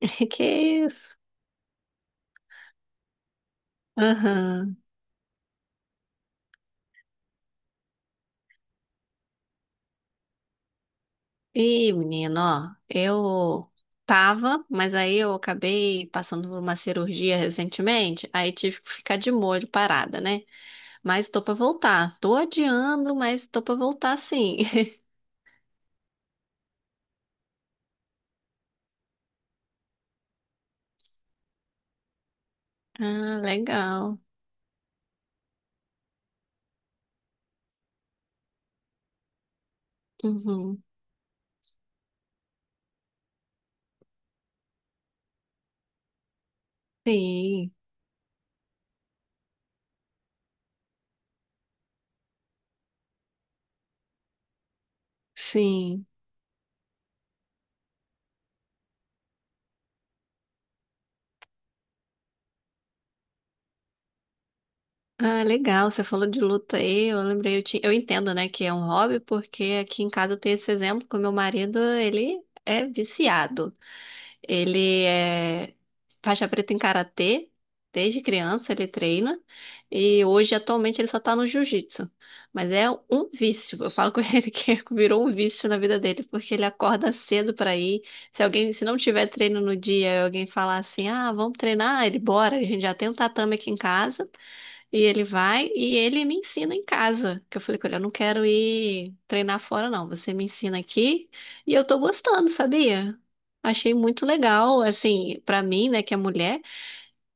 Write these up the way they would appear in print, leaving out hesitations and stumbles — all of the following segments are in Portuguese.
Que é isso? Aham. E, menino, ó, eu tava, mas aí eu acabei passando por uma cirurgia recentemente, aí tive que ficar de molho parada, né? Mas tô pra voltar. Tô adiando, mas tô pra voltar sim. Ah, legal. Uhum. Sim, sim. Ah, legal, você falou de luta aí, eu lembrei, eu entendo, né, que é um hobby, porque aqui em casa eu tenho esse exemplo, que o meu marido, ele é viciado. Ele é faixa preta em karatê, desde criança ele treina, e hoje, atualmente, ele só tá no jiu-jitsu. Mas é um vício, eu falo com ele que virou um vício na vida dele, porque ele acorda cedo pra ir, se alguém, se não tiver treino no dia, e alguém falar assim, ah, vamos treinar, ele bora, a gente já tem um tatame aqui em casa, e ele vai e ele me ensina em casa. Que eu falei com ele, eu não quero ir treinar fora, não. Você me ensina aqui e eu tô gostando, sabia? Achei muito legal, assim, pra mim, né, que é mulher,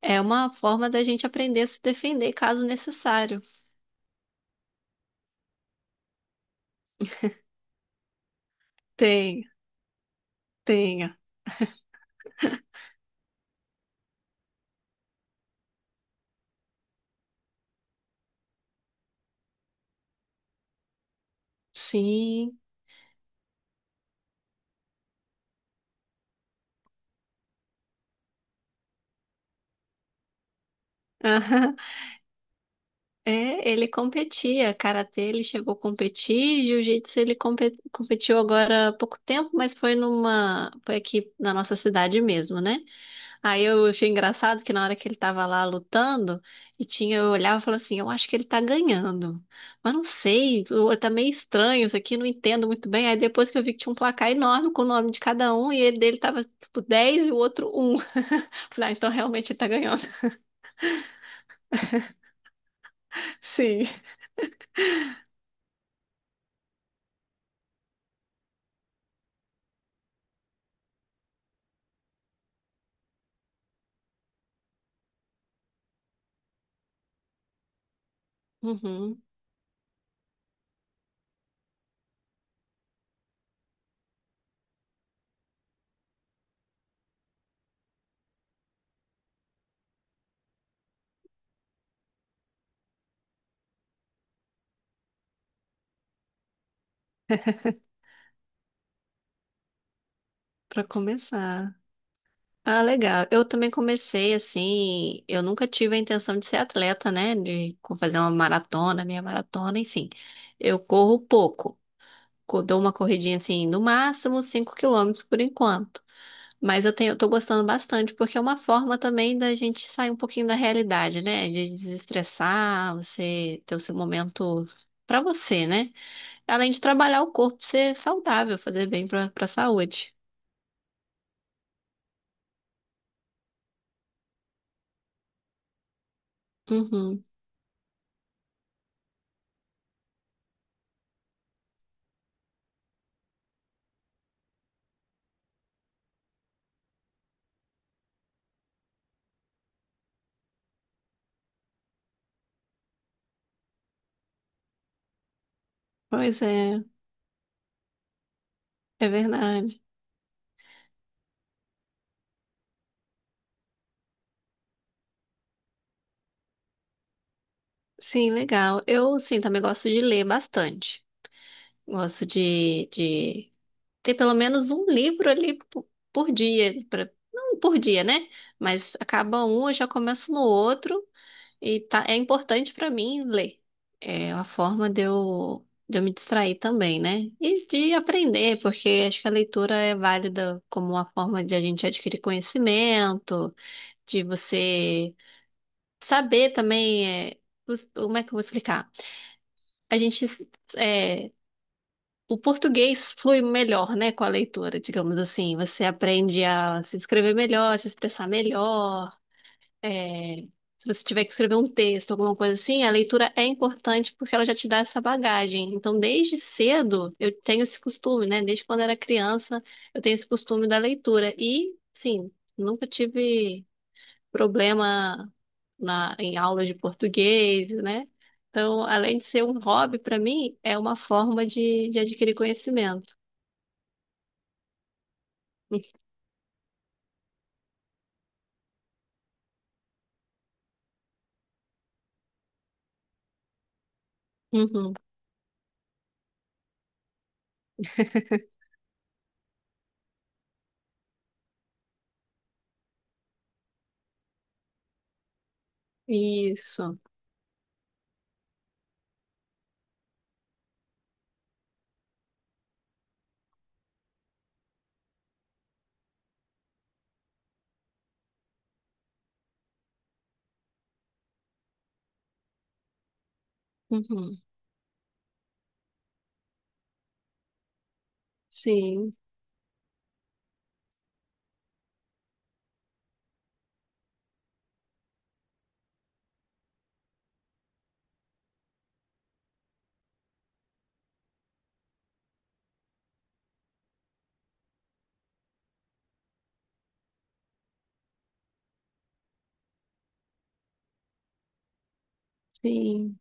é uma forma da gente aprender a se defender caso necessário. Tem, tenha. Sim. Aham. É, ele competia, karatê, ele chegou a competir, jiu-jitsu competiu agora há pouco tempo, mas foi aqui na nossa cidade mesmo, né? Aí eu achei engraçado que na hora que ele tava lá lutando, e tinha, eu olhava e falava assim, eu acho que ele tá ganhando. Mas não sei, eu- tá meio estranho isso aqui, não entendo muito bem. Aí depois que eu vi que tinha um placar enorme com o nome de cada um, e ele dele tava tipo dez e o outro um, falei, ah, então realmente ele tá ganhando. Sim. Uhum, pra começar. Ah, legal. Eu também comecei assim, eu nunca tive a intenção de ser atleta, né? De fazer uma maratona, minha maratona, enfim. Eu corro pouco. Dou uma corridinha assim, no máximo 5 km por enquanto. Mas eu tenho, eu tô gostando bastante, porque é uma forma também da gente sair um pouquinho da realidade, né? De desestressar, você ter o seu momento pra você, né? Além de trabalhar o corpo, ser saudável, fazer bem pra saúde. Uhum. Pois é, é verdade. Sim, legal. Eu, sim, também gosto de ler bastante. Gosto de ter pelo menos um livro por dia, não por dia, né? Mas acaba um, eu já começo no outro e tá, é importante para mim ler. É uma forma de eu me distrair também, né? E de aprender, porque acho que a leitura é válida como uma forma de a gente adquirir conhecimento, de você saber também, é, como é que eu vou explicar? A gente, é, o português flui melhor, né, com a leitura, digamos assim. Você aprende a se escrever melhor, se expressar melhor. é, Se você tiver que escrever um texto, alguma coisa assim, a leitura é importante porque ela já te dá essa bagagem. Então, desde cedo, eu tenho esse costume, né? Desde quando era criança, eu tenho esse costume da leitura. E, sim, nunca tive problema em aulas de português, né? Então, além de ser um hobby, para mim, é uma forma de adquirir conhecimento. Uhum. Isso. Uhum. Sim, sim,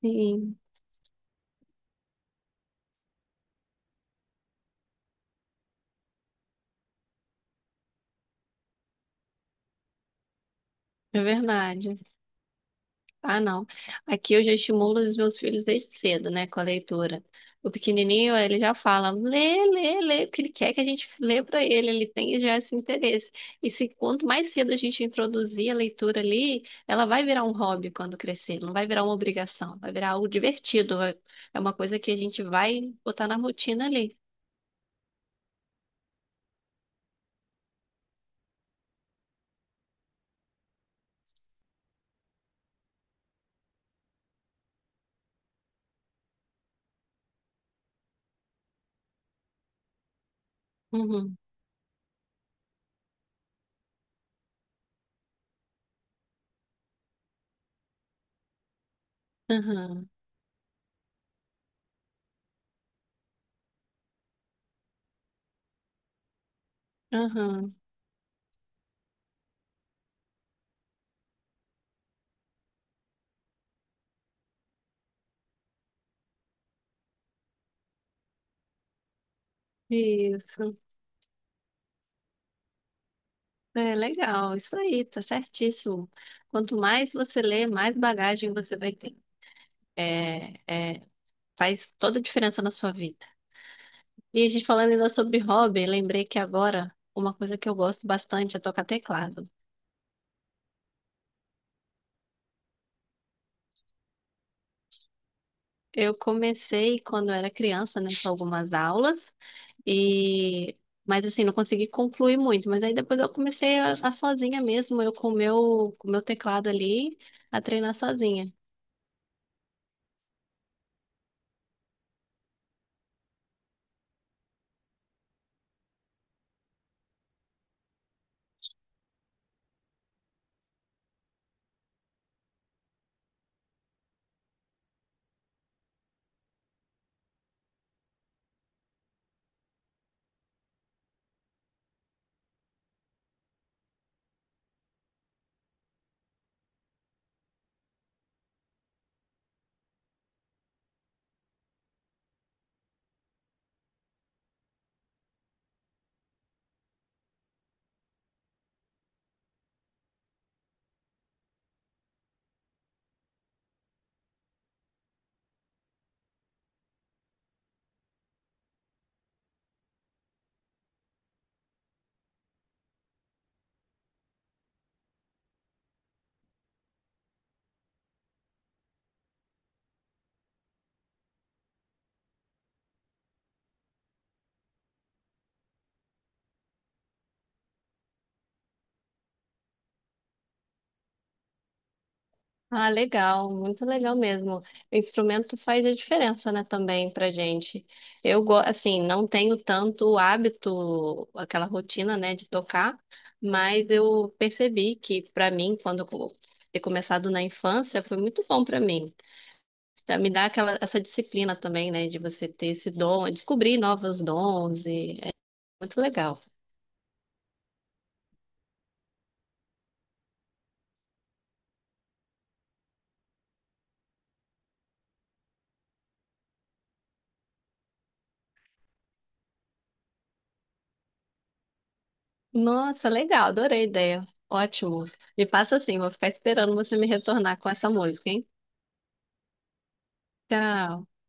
sim. É verdade. Ah, não. Aqui eu já estimulo os meus filhos desde cedo, né, com a leitura. O pequenininho, ele já fala, lê, lê, lê, porque ele quer que a gente lê para ele, ele tem já esse interesse. E se quanto mais cedo a gente introduzir a leitura ali, ela vai virar um hobby quando crescer, não vai virar uma obrigação, vai virar algo divertido, é uma coisa que a gente vai botar na rotina ali. Uhum, uhum, uhum. Isso. É legal, isso aí, tá certíssimo. Quanto mais você lê, mais bagagem você vai ter. É, é, Faz toda a diferença na sua vida. E a gente falando ainda sobre hobby, lembrei que agora uma coisa que eu gosto bastante é tocar teclado. Eu comecei quando eu era criança, né, com algumas aulas e mas assim, não consegui concluir muito, mas aí depois eu comecei a sozinha mesmo, eu com o meu teclado ali, a treinar sozinha. Ah, legal, muito legal mesmo. O instrumento faz a diferença, né, também pra gente. Eu, assim, não tenho tanto o hábito, aquela rotina, né, de tocar, mas eu percebi que pra mim, quando ter começado na infância, foi muito bom pra mim. Tá, me dá aquela essa disciplina também, né, de você ter esse dom, descobrir novos dons e é muito legal. Nossa, legal, adorei a ideia. Ótimo. Me passa assim, vou ficar esperando você me retornar com essa música, hein? Tchau.